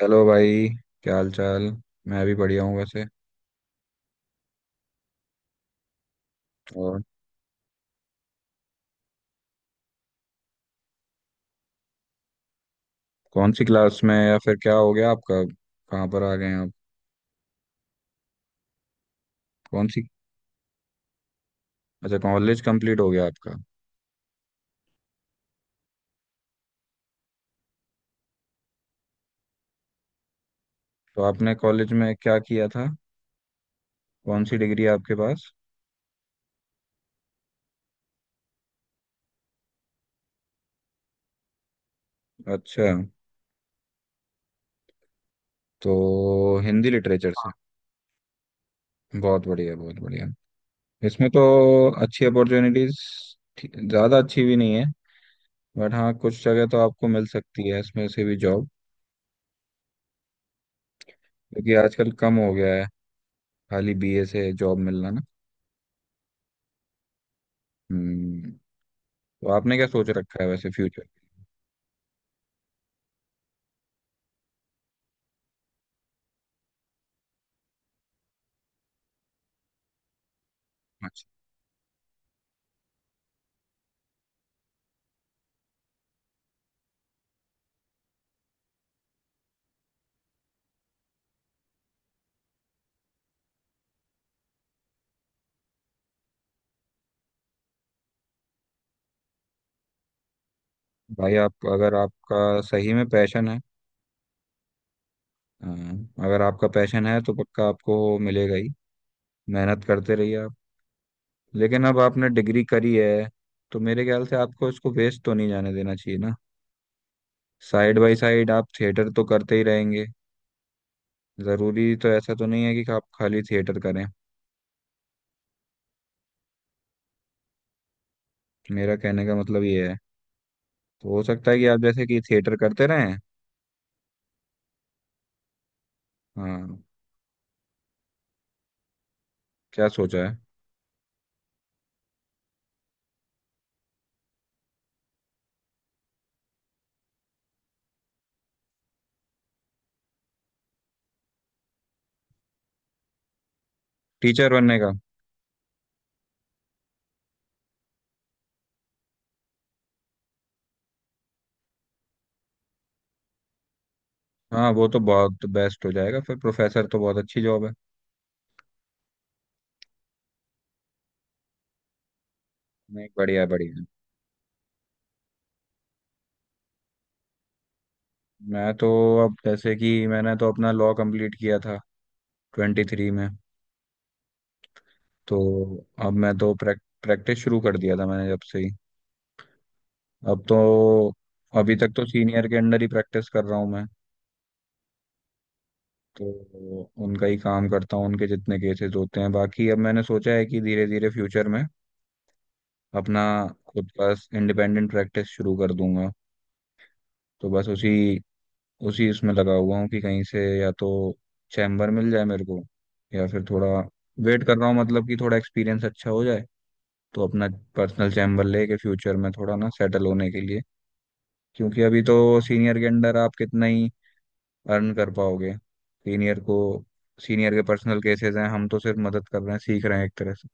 Hello भाई। क्या हाल चाल। मैं भी बढ़िया हूँ वैसे। और कौन सी क्लास में या फिर क्या हो गया आपका, कहाँ पर आ गए आप? कौन सी? अच्छा, कॉलेज कंप्लीट हो गया आपका? तो आपने कॉलेज में क्या किया था? कौन सी डिग्री है आपके पास? अच्छा, तो हिंदी लिटरेचर से। बहुत बढ़िया, बहुत बढ़िया। इसमें तो अच्छी अपॉर्चुनिटीज ज़्यादा अच्छी भी नहीं है, बट हाँ, कुछ जगह तो आपको मिल सकती है इसमें से भी जॉब। क्योंकि आजकल कम हो गया है खाली बीए से जॉब मिलना ना। हम्म। तो आपने क्या सोच रखा है वैसे फ्यूचर? अच्छा। भाई आप, अगर आपका सही में पैशन है, अ, अगर आपका पैशन है तो पक्का आपको मिलेगा ही। मेहनत करते रहिए आप। लेकिन अब आपने डिग्री करी है तो मेरे ख्याल से आपको इसको वेस्ट तो नहीं जाने देना चाहिए ना। साइड बाय साइड आप थिएटर तो करते ही रहेंगे। ज़रूरी तो ऐसा तो नहीं है कि आप खाली थिएटर करें। मेरा कहने का मतलब ये है तो हो सकता है कि आप जैसे कि थिएटर करते रहें। हाँ। क्या सोचा है? टीचर बनने का? हाँ वो तो बहुत बेस्ट हो जाएगा, फिर प्रोफेसर तो बहुत अच्छी जॉब है। नहीं, बढ़िया बढ़िया। मैं तो, अब जैसे कि मैंने तो अपना लॉ कंप्लीट किया था 23 में। तो अब मैं तो प्रैक्टिस शुरू कर दिया था मैंने जब से ही। अब तो, अभी तक तो सीनियर के अंडर ही प्रैक्टिस कर रहा हूँ मैं। तो उनका ही काम करता हूँ, उनके जितने केसेस होते हैं। बाकी अब मैंने सोचा है कि धीरे धीरे फ्यूचर में अपना खुद का इंडिपेंडेंट प्रैक्टिस शुरू कर दूंगा। तो बस उसी उसी इसमें लगा हुआ हूँ कि कहीं से या तो चैम्बर मिल जाए मेरे को, या फिर थोड़ा वेट कर रहा हूँ, मतलब कि थोड़ा एक्सपीरियंस अच्छा हो जाए तो अपना पर्सनल चैम्बर लेके फ्यूचर में थोड़ा ना सेटल होने के लिए। क्योंकि अभी तो सीनियर के अंडर आप कितना ही अर्न कर पाओगे? सीनियर को, सीनियर के पर्सनल केसेस हैं, हम तो सिर्फ मदद कर रहे हैं, सीख रहे हैं एक तरह से।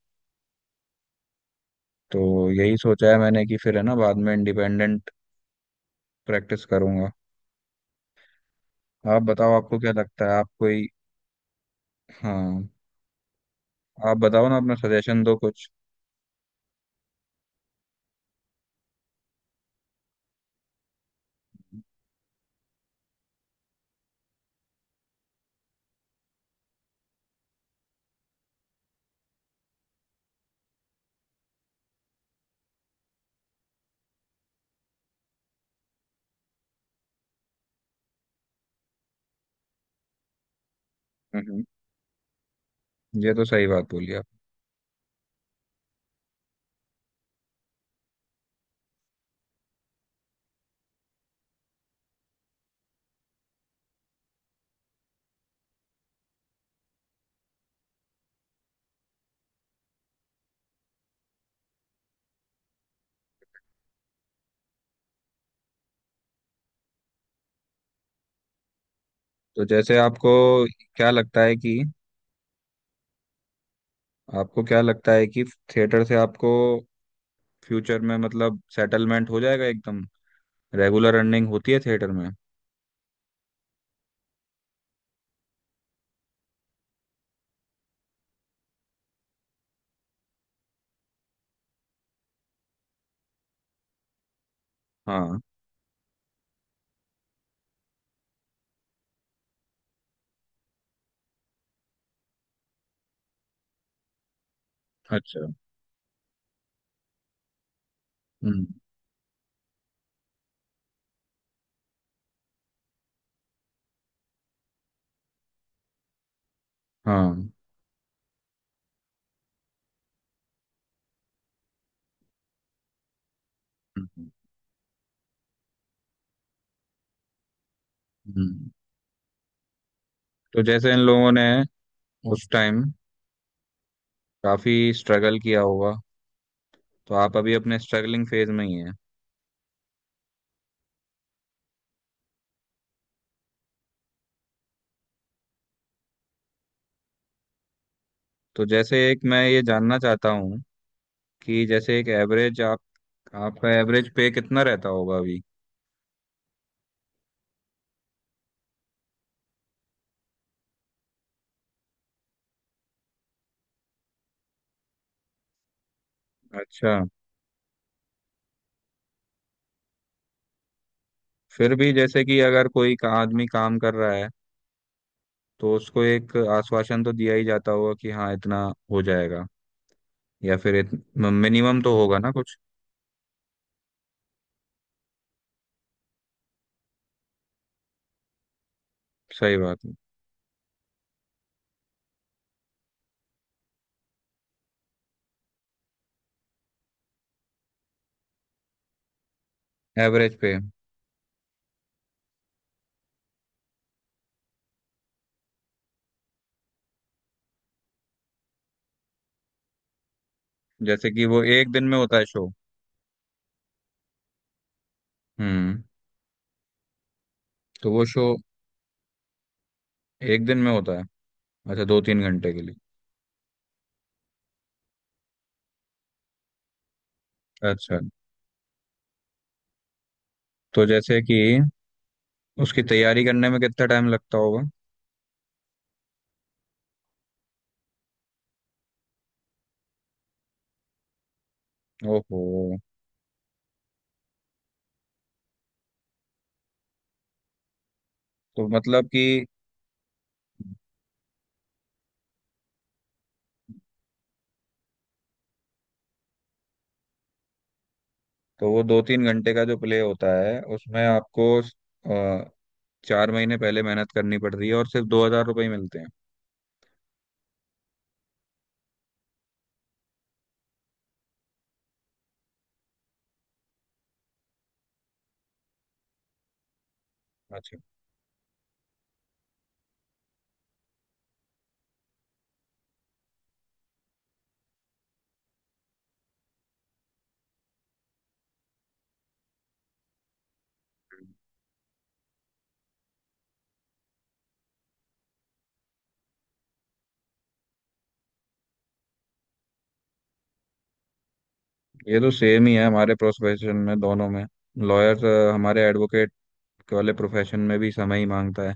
तो यही सोचा है मैंने कि फिर है ना बाद में इंडिपेंडेंट प्रैक्टिस करूंगा। आप बताओ आपको क्या लगता है? आप कोई, हाँ, आप बताओ ना, अपना सजेशन दो कुछ। हम्म, ये तो सही बात बोली आप। तो जैसे आपको क्या लगता है कि, आपको क्या लगता है कि थिएटर से आपको फ्यूचर में मतलब सेटलमेंट हो जाएगा एकदम? रेगुलर अर्निंग होती है थिएटर में? हाँ। अच्छा। हम्म। हाँ। हम्म। हम्म। तो जैसे इन लोगों ने उस टाइम काफी स्ट्रगल किया होगा। तो आप अभी अपने स्ट्रगलिंग फेज में ही हैं। तो जैसे एक मैं ये जानना चाहता हूँ कि जैसे एक एवरेज आप, आपका एवरेज पे कितना रहता होगा अभी? अच्छा। फिर भी जैसे कि अगर कोई का आदमी काम कर रहा है तो उसको एक आश्वासन तो दिया ही जाता होगा कि हाँ इतना हो जाएगा, या फिर मिनिमम तो होगा ना कुछ। सही बात है। एवरेज पे जैसे कि वो एक दिन में होता है शो? हम्म। तो वो शो एक दिन में होता है? अच्छा, 2-3 घंटे के लिए? अच्छा, तो जैसे कि उसकी तैयारी करने में कितना टाइम लगता होगा? ओहो। तो मतलब कि, तो वो 2-3 घंटे का जो प्ले होता है उसमें आपको 4 महीने पहले मेहनत करनी पड़ रही है, और सिर्फ 2,000 रुपये ही मिलते हैं? अच्छा, ये तो सेम ही है हमारे प्रोफेशन में दोनों में। लॉयर, हमारे एडवोकेट वाले प्रोफेशन में भी समय ही मांगता है।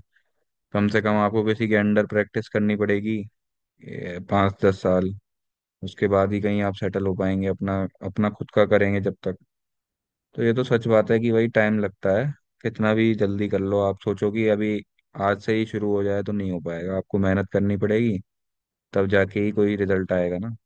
कम से कम आपको किसी के अंडर प्रैक्टिस करनी पड़ेगी 5-10 साल। उसके बाद ही कहीं आप सेटल हो पाएंगे अपना, अपना खुद का करेंगे जब तक। तो ये तो सच बात है कि भाई टाइम लगता है। कितना भी जल्दी कर लो, आप सोचो कि अभी आज से ही शुरू हो जाए तो नहीं हो पाएगा, आपको मेहनत करनी पड़ेगी। तब जाके ही कोई रिजल्ट आएगा ना।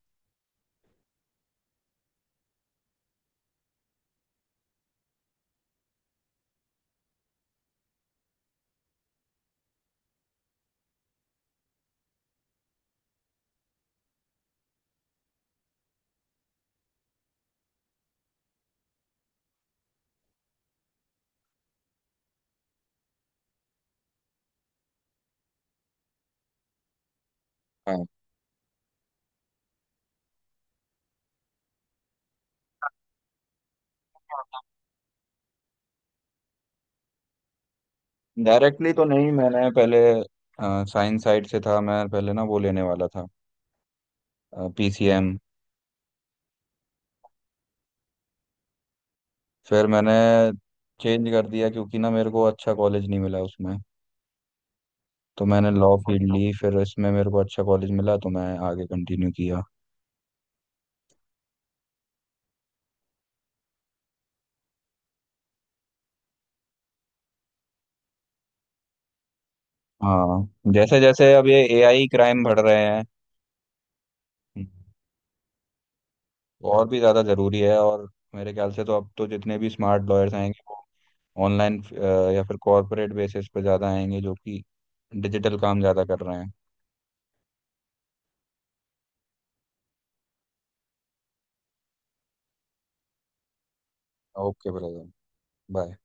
हाँ। डायरेक्टली तो नहीं, मैंने पहले साइंस साइड से था, मैं पहले ना वो लेने वाला था पीसीएम। फिर मैंने चेंज कर दिया क्योंकि ना मेरे को अच्छा कॉलेज नहीं मिला उसमें। तो मैंने लॉ फील्ड ली, फिर इसमें मेरे को अच्छा कॉलेज मिला तो मैं आगे कंटिन्यू किया। हाँ, जैसे जैसे अब ये एआई क्राइम बढ़ रहे हैं तो और भी ज़्यादा ज़रूरी है। और मेरे ख्याल से तो अब तो जितने भी स्मार्ट लॉयर्स आएंगे वो ऑनलाइन या फिर कॉरपोरेट बेसिस पे ज़्यादा आएंगे, जो कि डिजिटल काम ज़्यादा कर रहे हैं। Okay brother, bye.